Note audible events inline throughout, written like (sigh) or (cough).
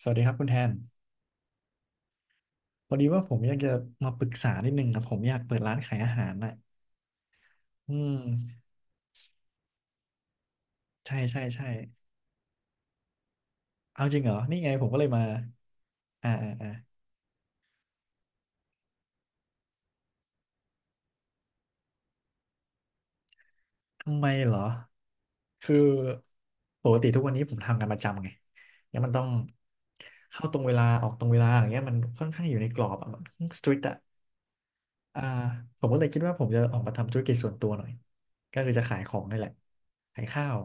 สวัสดีครับคุณแทนพอดีว่าผมอยากจะมาปรึกษานิดนึงนะผมอยากเปิดร้านขายอาหารน่ะอืมใช่ใช่ใช่เอาจริงเหรอนี่ไงผมก็เลยมาอ่าอ่าอ่าทำไมเหรอคือปกติทุกวันนี้ผมทำงานประจำไงแล้วมันต้องเข้าตรงเวลาออกตรงเวลาอย่างเงี้ยมันค่อนข้างอยู่ในกรอบอะมันสตริกอะอ่าผมก็เลยคิดว่าผมจะออกมาทำธุรกิจส่วนตัวหน่อยก็คือจะขายของนี่แหละขายข้าว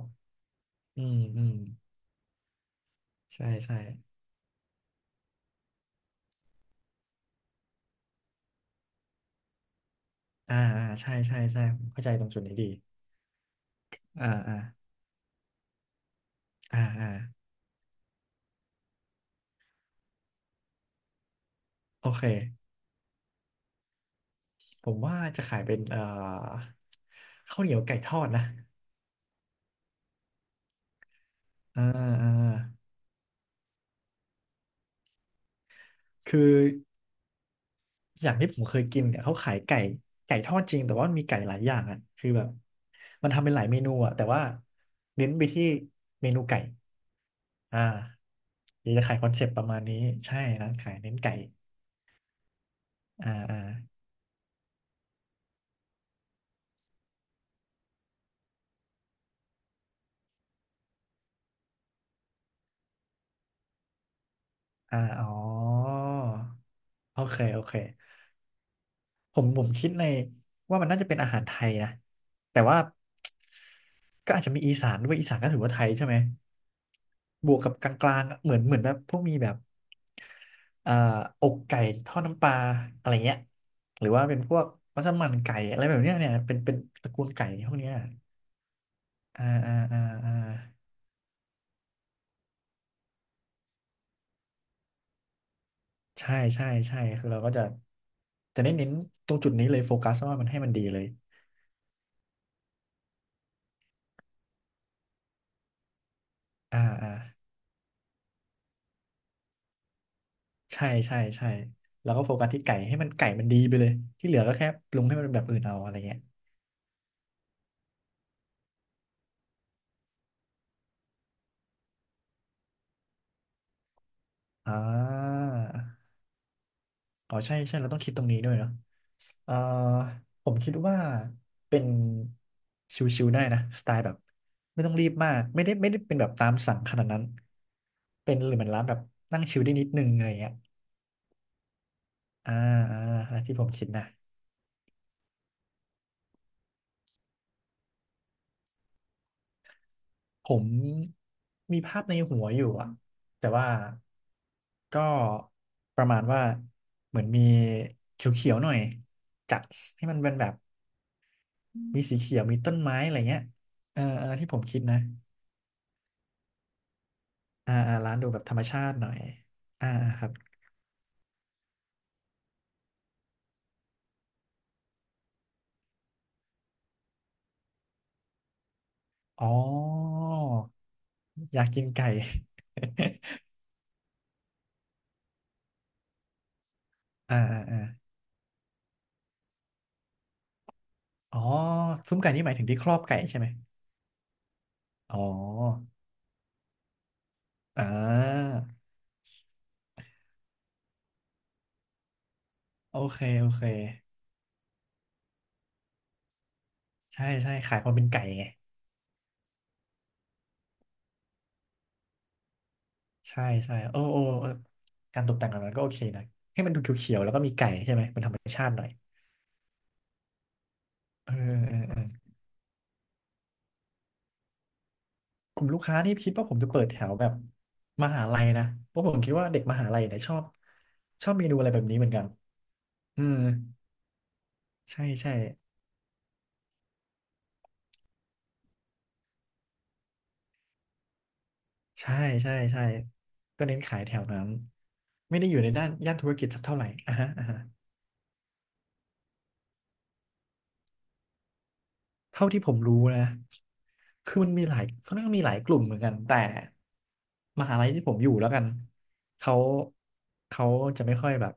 อืมอืมใช่ใช่ อ่าอ่าใช่ใช่ใช่ผมเข้าใจตรงจุดนี้ดีอ่าอ่าอ่าอ่าโอเคผมว่าจะขายเป็นข้าวเหนียวไก่ทอดนะอ่าอ่าคืออย่างที่ผมเคยกินเนี่ยเขาขายไก่ไก่ทอดจริงแต่ว่ามันมีไก่หลายอย่างอ่ะคือแบบมันทำเป็นหลายเมนูอ่ะแต่ว่าเน้นไปที่เมนูไก่อ่าเดี๋ยวจะขายคอนเซปต์ประมาณนี้ใช่ร้านขายเน้นไก่อ่าอ่าอ่าอ๋อโอเคโอเค ผมผมคิดในว่ามันน่าจะเป็นอาหารไทยนะแต่ว่าก็อาจจะมีอีสานด้วยอีสานก็ถือว่าไทยใช่ไหมบวกกับกลางๆอะเหมือนเหมือนแบบพวกมีแบบเอ่อกไก่ทอดน้ำปลาอะไรเงี้ยหรือว่าเป็นพวกมัสมั่นไก่อะไรแบบเนี้ยเนี่ยเป็นเป็นตระกูลไก่พวกเนี้ยอ่าอ่าอ่าอ่าใช่ใช่ใช่คือเราก็จะจะเน้นเน้นตรงจุดนี้เลยโฟกัสว่ามันให้มันดีเลยอ่าอ่า ใช่ใช่ใช่แล้วก็โฟกัสที่ไก่ให้มันไก่มันดีไปเลยที่เหลือก็แค่ปรุงให้มันเป็นแบบอื่นเอาอะไรเงี้ยอ่าอ๋อใช่ใช่เราต้องคิดตรงนี้ด้วยเนาะเอ่อผมคิดว่าเป็นชิวๆได้นะสไตล์แบบไม่ต้องรีบมากไม่ได้ไม่ได้เป็นแบบตามสั่งขนาดนั้นเป็นหรือเหมือนร้านแบบนั่งชิลได้นิดนึงอะไรเงี้ยอ่าอ่าที่ผมคิดนะ ผมมีภาพในหัวอยู่อะแต่ว่าก็ประมาณว่าเหมือนมีเขียวๆหน่อยจัดให้มันเป็นแบบมีสีเขียวมีต้นไม้อะไรเงี้ยเออเออที่ผมคิดนะอ่าอ่าร้านดูแบบธรรมชาติหน่อยอ่าอ่าครับอ๋ออยากกินไก่ (laughs) อ่าอ่าอ่าอ๋อซุ้มไก่นี่หมายถึงที่ครอบไก่ใช่ไหม อ๋ออ่าโอเคโอเคใช่ใช่ขายความเป็นไก่ไง ใช่ใช่โอ้โอ้เออการตกแต่งแบบนั้นก็โอเคนะให้มันดูเขียวๆแล้วก็มีไก่ใช่ไหมเป็นธรรมชาติหน่อยเออเออเออกลุ่มลูกค้านี่คิดว่าผมจะเปิดแถวแบบมหาลัยนะเพราะผมคิดว่าเด็กมหาลัยเนี่ยชอบชอบเมนูอะไรแบบนี้เหมือนกันอืมใช่ใช่ใช่ใช่ใช่ก็เน้นขายแถวนั้นไม่ได้อยู่ในด้านย่านธุรกิจสักเท่าไหร่อ่ะฮะอ่ะฮะ เท่าที่ผมรู้นะคือมันมีหลายเขาเรียกว่ามีหลายกลุ่มเหมือนกัน แต่มหาลัยที่ผมอยู่แล้วกัน เขาเขาจะไม่ค่อยแบบ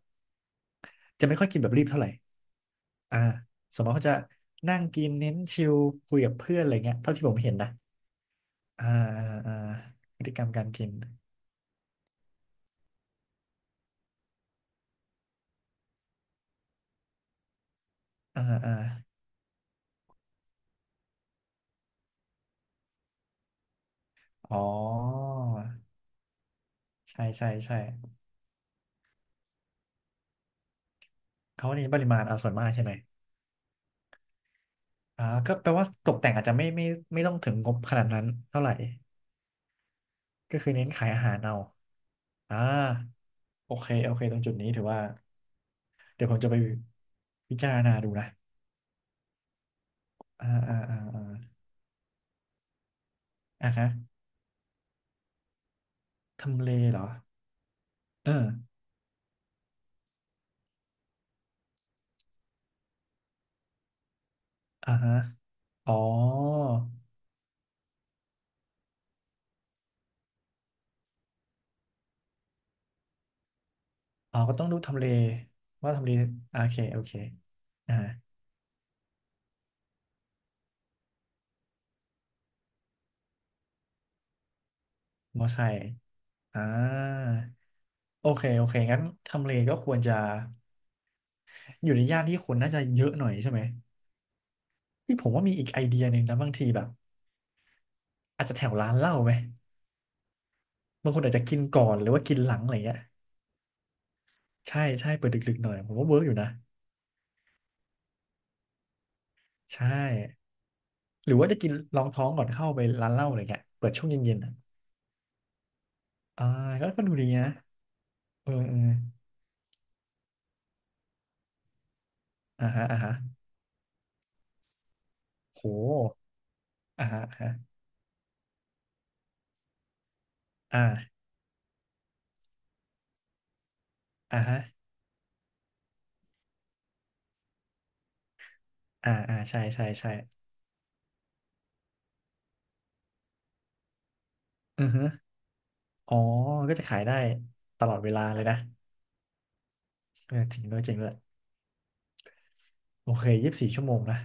จะไม่ค่อยกินแบบรีบเท่าไหร่อ่าสมมติเขาจะนั่งกินเน้นชิลคุยกับเพื่อนอะไรเงี้ยเท่าที่ผมเห็นนะอ่าอ่าอ่าพฤติกรรมการกินอ่าอ่าอ๋อใช่ใช่ใช่เขาเน้นปริมาณเอาส่วนมากใช่ไหมอ่าก็แปลว่าตกแต่งอาจจะไม่ไม่ไม่ต้องถึงงบขนาดนั้นเท่าไหร่ก็คือเน้นขายอาหารเอา อ่าโอเคโอเคตรงจุดนี้ถือว่าเดี๋ยวผมจะไปพิจารณาดูนะอ่าอ่าอ่าอ่าอ่าฮะทำเลเหรอเอออ่าฮะอ๋ออ๋อก็ต้องดูทำเลว่าทำเลโอเคโอเคอ่ามอไซค์อ่าโอเคโอเคงั้นทำเลก็ควรจะอยู่ในย่านที่คนน่าจะเยอะหน่อยใช่ไหมที่ผมว่ามีอีกไอเดียหนึ่งนะบางทีแบบอาจจะแถวร้านเหล้าไหมบางคนอาจจะกินก่อนหรือว่ากินหลังอะไรเงี้ย ใช่ใช่เปิดดึกๆหน่อยผมว่าเวิร์กอยู่นะใช่หรือว่าจะกินรองท้องก่อนเข้าไปร้านเหล้าอะไรเงี้ยเปิดช่วงเย็นๆอ่ะอ่าก็ก็ดูดีนะเออเอออ่าฮะอ่าฮะโหอ่าฮะอ่าฮะอ่าอ่าฮะอ่าอ่าใช่ใช่ใช่อือฮึอ๋อก็จะขายได้ตลอดเวลาเลยนะเออจริงด้วยจริงด้วยโอเคยี่สิบสี่ชั่วโมงนะ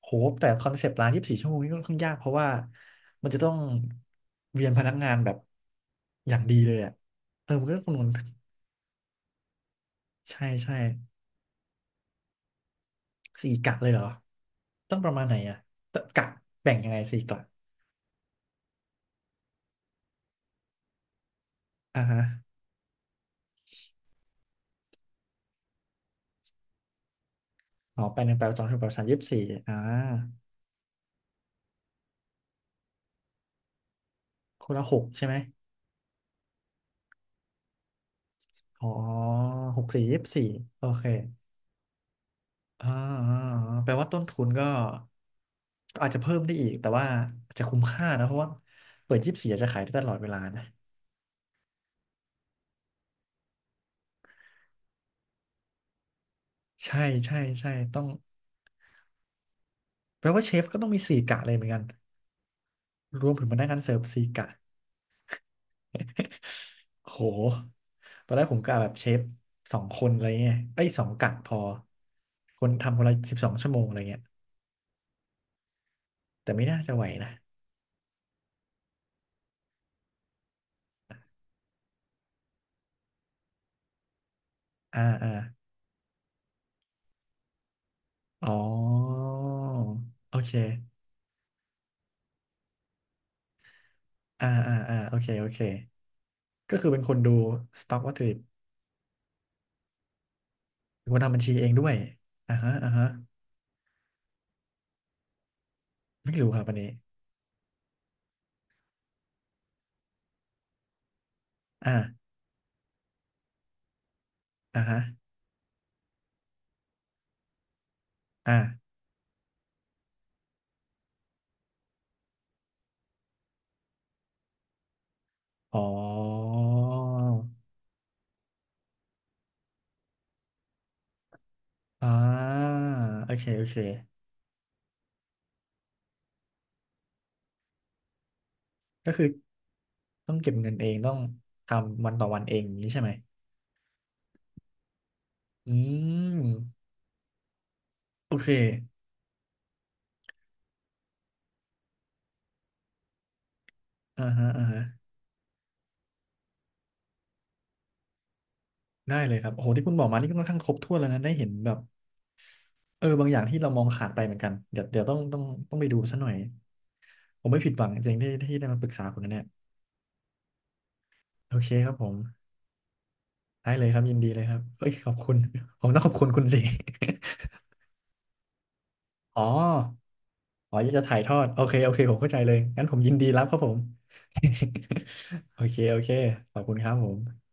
โหแต่คอนเซปต์ร้านยี่สิบสี่ชั่วโมงนี่ค่อนข้างยากเพราะว่ามันจะต้องเวียนพนักงานแบบอย่างดีเลยอ่ะเออมันก็ต้องคำนวณ ใช่ใช่สี่กะเลยเหรอต้องประมาณไหนอ่ะตกะแบ่งยังไงสี่กะอ่าฮะอ๋อแปดหนึ่งแปดสองถึงแปดสามยี่สิบสี่อ่าคนละหกใช่ไหมอ๋อหกสี่ยี่สิบสี่โอเคอ่าอ่าอ่าแปลว่าต้นทุนก็ก็อาจจะเพิ่มได้อีกแต่ว่าอาจจะคุ้มค่านะเพราะว่าเปิดยี่สิบสี่จะขายได้ตลอดเวลานะใช่ใช่ใช่ต้องแปลว่าเชฟก็ต้องมีสี่กะเลยเหมือนกันรวมถึงพนักงานเสิร์ฟสี่กะ (laughs) โหตอนแรกผมกะแบบเชฟสองคนอะไรเงี้ยไอ้ยสองกะพอ คนทำคนละ12 ชั่วโมงอะไรเงี้ยแต่ไม่น่าจะไหวนะอ่าอ่าอ๋อโอเคอ่าอ่าอ่าโอเคโอเคก็คือเป็นคนดูสต็อกวัตถุดิบเป็นคนทำบัญชีเองด้วยอ่าฮะอ่าฮะไม่รู้ครับอันนี้อ่าอ่าฮะอ่าอ๋ออ่าโอเคโอเคก็คือ ต้องเก็บเงินเองต้องทำวันต่อวันเองอย่างนี้ใช่ไหมอืมโอเคอ่าฮะอ่าฮะได้เลยครับโอ้โหที่คุณบอกมานี่ก็ค่อนข้างครบถ้วนแล้วนะได้เห็นแบบเออบางอย่างที่เรามองขาดไปเหมือนกันเดี๋ยวเดี๋ยวต้องต้องต้องไปดูซะหน่อยผมไม่ผิดหวังจริงๆที่ที่ได้มาปรึกษาคุณนะเนี่ยโอเคครับผมได้เลยครับยินดีเลยครับเอ้ยขอบคุณ (laughs) ผมต้องขอบคุณคุณสิ (laughs) อ๋ออ๋ออยากจะถ่ายทอดโอเคโอเคผมเข้าใจเลยงั้นผมยินดีรับครับผม (laughs) โอเคโอเคขอบคุณครับผม